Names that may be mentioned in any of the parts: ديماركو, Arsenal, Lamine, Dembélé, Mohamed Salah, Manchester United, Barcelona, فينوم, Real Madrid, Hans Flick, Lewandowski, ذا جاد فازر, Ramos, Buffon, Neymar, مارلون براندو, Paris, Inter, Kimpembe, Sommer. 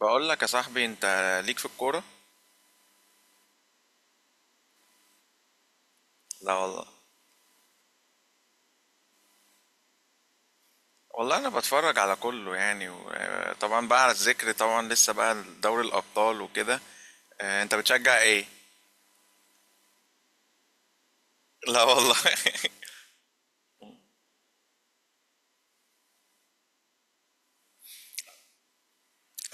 بقول لك يا صاحبي، انت ليك في الكوره. لا والله. والله انا بتفرج على كله يعني طبعا بقى على الذكر، طبعا لسه بقى دوري الابطال وكده. انت بتشجع ايه؟ لا والله.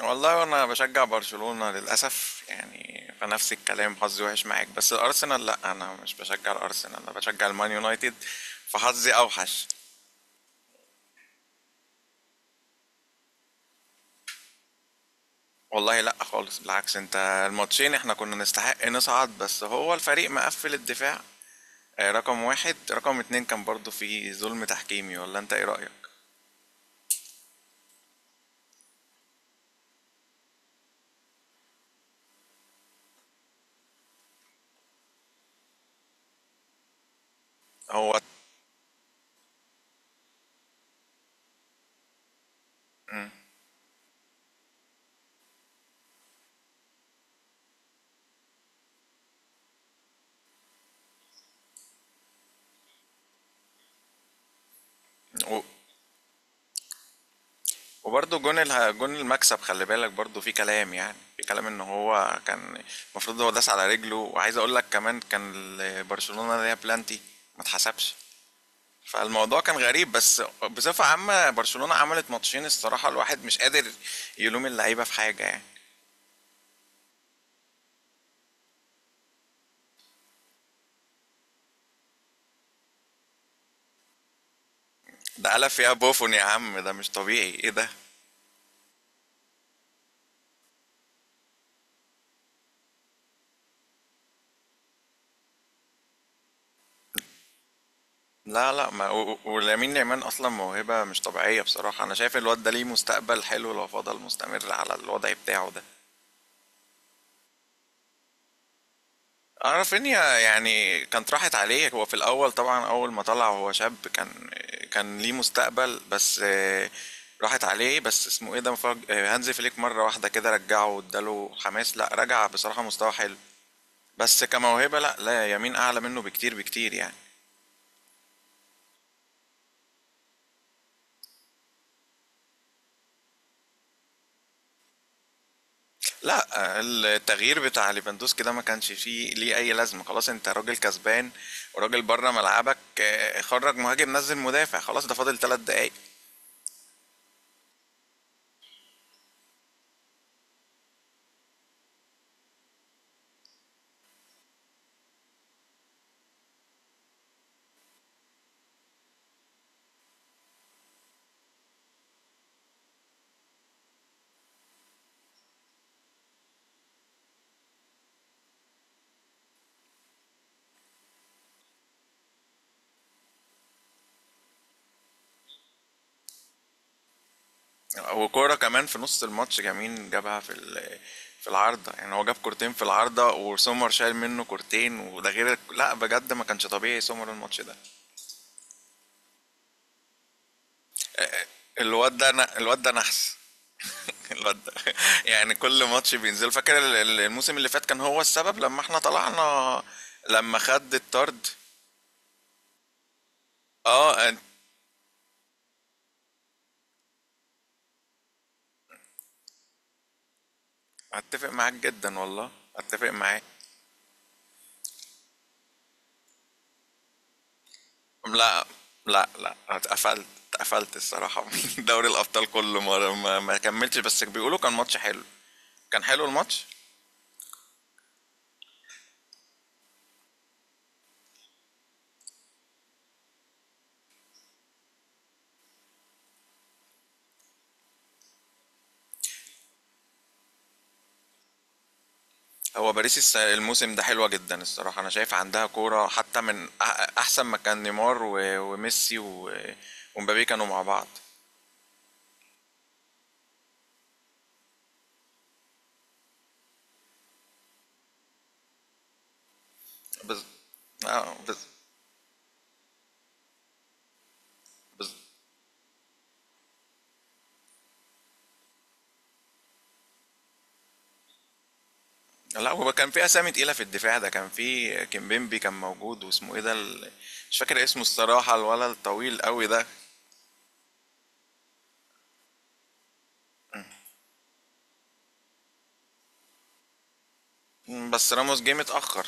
والله انا بشجع برشلونة للاسف يعني، فنفس الكلام حظي وحش معاك، بس الارسنال لا، انا مش بشجع الارسنال، انا بشجع المان يونايتد، فحظي اوحش. والله لا خالص، بالعكس انت، الماتشين احنا كنا نستحق نصعد، بس هو الفريق مقفل الدفاع. رقم واحد رقم اتنين كان برضو في ظلم تحكيمي، ولا انت ايه رأيك؟ هو و- وبرضو جون جون المكسب، خلي بالك برضو في كلام، يعني في كلام ان هو كان المفروض هو داس على رجله. وعايز اقول لك كمان، كان برشلونة ليها بلانتي ما اتحسبش، فالموضوع كان غريب. بس بصفة عامة برشلونة عملت ماتشين، الصراحة الواحد مش قادر يلوم اللعيبة في حاجة يعني. ده قلب فيها بوفون يا عم، ده مش طبيعي، ايه ده؟ لا لا، ما و- و- ولامين يامال اصلا موهبه مش طبيعيه بصراحه. انا شايف الواد ده ليه مستقبل حلو لو فضل مستمر على الوضع بتاعه ده. اعرف ان يعني كانت راحت عليه هو في الاول طبعا، اول ما طلع وهو شاب كان ليه مستقبل، بس راحت عليه، بس اسمه ايه ده هانز فليك مره واحده كده رجعه واداله حماس، لا رجع بصراحه مستوى حلو. بس كموهبه، لا لا، يمين اعلى منه بكتير بكتير يعني. لا، التغيير بتاع ليفاندوسكي ده ما كانش فيه ليه اي لازمه. خلاص انت راجل كسبان وراجل بره ملعبك، خرج مهاجم، نزل مدافع. خلاص ده فاضل 3 دقايق. وكوره كمان في نص الماتش جميل جابها في في العارضه، يعني هو جاب كورتين في العارضه، وسومر شايل منه كورتين، وده غير لا بجد ما كانش طبيعي سومر الماتش ده. الواد ده نحس. الواد ده يعني كل ماتش بينزل، فاكر الموسم اللي فات كان هو السبب لما احنا طلعنا، لما خد الطرد. آه، أت أتّفق معاك جدًا والله، أتّفق معاك. لأ، لأ، لأ، اتقفلت. اتقفلت الصراحة من دوري الأبطال كلّه، ما كمّلتش، بس بيقولوا كان ماتش حلو. كان حلو الماتش؟ هو باريس الموسم ده حلوة جدًا الصراحة، أنا شايف عندها كورة حتّى من أحسن ما كان نيمار و وميسي و ومبابي كانوا مع بعض. بالض آه، بالض بالض لا، هو كان في اسامي تقيله في الدفاع ده. كان في كيمبيمبي كان موجود، واسمه ايه ده مش فاكر اسمه الصراحه، الولد الطويل قوي ده. بس راموس جه متاخر.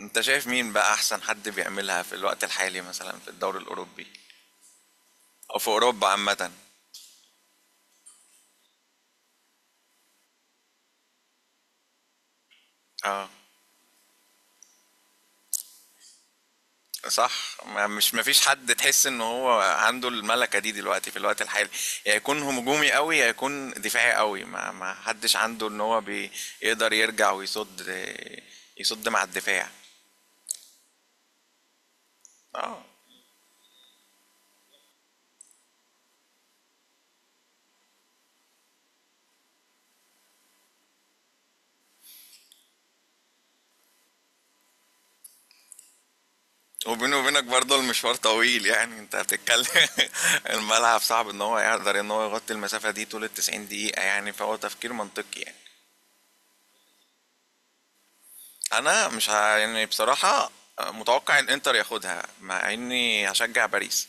انت شايف مين بقى احسن حد بيعملها في الوقت الحالي، مثلا في الدوري الاوروبي او في اوروبا عامه؟ اه، صح، ما مش مفيش حد تحس ان هو عنده الملكه دي دلوقتي في الوقت الحالي، يا يكون هجومي قوي يا يكون دفاعي قوي، ما حدش عنده ان هو بيقدر يرجع ويصد، يصد مع الدفاع. اه، وبيني وبينك برضه المشوار طويل يعني، انت هتتكلم الملعب صعب ان هو يقدر ان هو يغطي المسافة دي طول التسعين دقيقة يعني، فهو تفكير منطقي يعني. انا مش يعني بصراحة متوقع ان انتر ياخدها، مع اني هشجع باريس،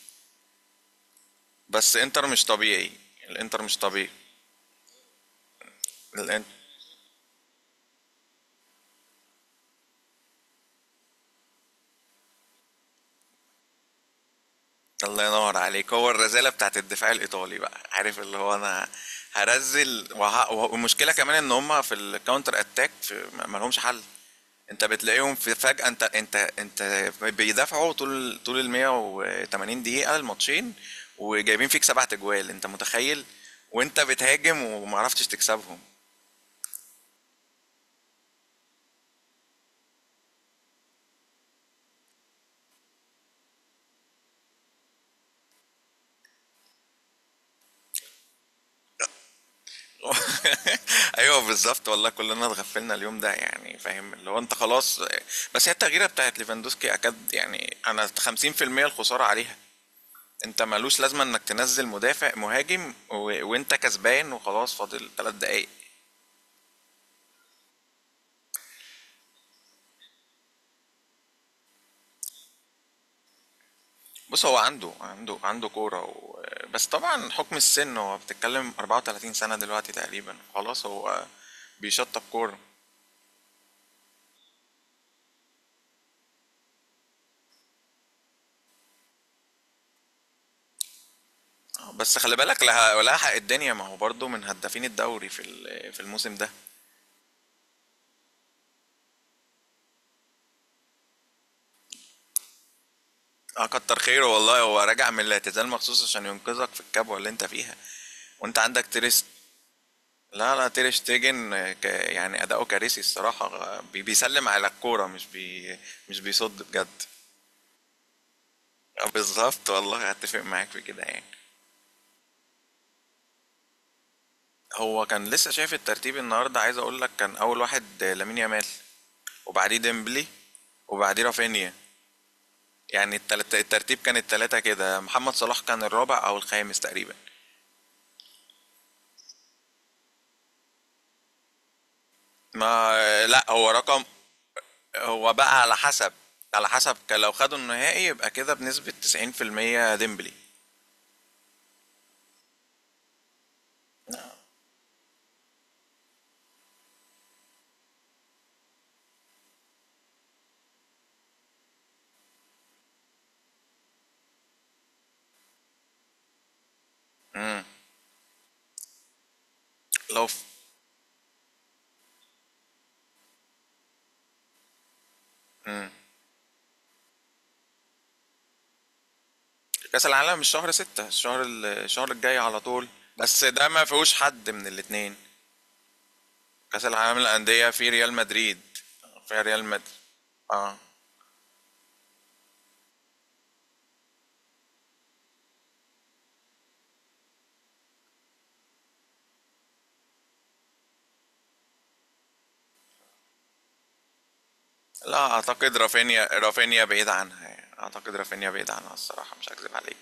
بس انتر مش طبيعي. الانتر مش طبيعي. الانتر الله ينور عليك، هو الرذالة بتاعة الدفاع الإيطالي بقى، عارف اللي هو أنا هرزل والمشكلة كمان إن هما في الكاونتر أتاك ما لهمش حل. أنت بتلاقيهم في فجأة، أنت بيدافعوا طول ال 180 دقيقة الماتشين، وجايبين فيك 7 تجوال. أنت متخيل وأنت بتهاجم ومعرفتش تكسبهم؟ أيوه بالضبط والله، كلنا اتغفلنا اليوم ده، يعني فاهم اللي هو أنت خلاص. بس هي التغييرة بتاعت ليفاندوسكي أكاد يعني أنا 50% الخسارة عليها. أنت مالوش لازمة إنك تنزل مدافع مهاجم وأنت كسبان وخلاص فاضل 3 دقايق. بص هو عنده كورة بس طبعا حكم السن، هو بتتكلم 34 سنة دلوقتي تقريبا، خلاص هو بيشطب كورة. بس خلي بالك لها حق الدنيا، ما هو برضه من هدافين الدوري في في الموسم ده. اه كتر خيره والله، هو راجع من الاعتزال مخصوص عشان ينقذك في الكبوة اللي انت فيها، وانت عندك تريس. لا لا، تير شتيجن، يعني اداؤه كارثي الصراحة، بيسلم على الكورة، مش بيصد بجد. بالظبط والله، هتفق معاك في كده يعني. هو كان لسه شايف الترتيب النهاردة، عايز اقول لك كان اول واحد لامين يامال، وبعديه ديمبلي، وبعديه رافينيا. يعني الترتيب كان التلاتة كده، محمد صلاح كان الرابع او الخامس تقريبا. ما لا هو رقم. هو بقى على حسب، لو خدوا النهائي يبقى كده بنسبة 90% ديمبلي. لو في كأس العالم، مش شهر ستة، الشهر الشهر الجاي على طول، بس ده ما فيهوش حد من الاتنين. كأس العالم للأندية في ريال مدريد، في ريال مدريد. اه، لا اعتقد رافينيا، بعيد عنها يعني. اعتقد رافينيا بعيد عنها الصراحة، مش هكذب عليك.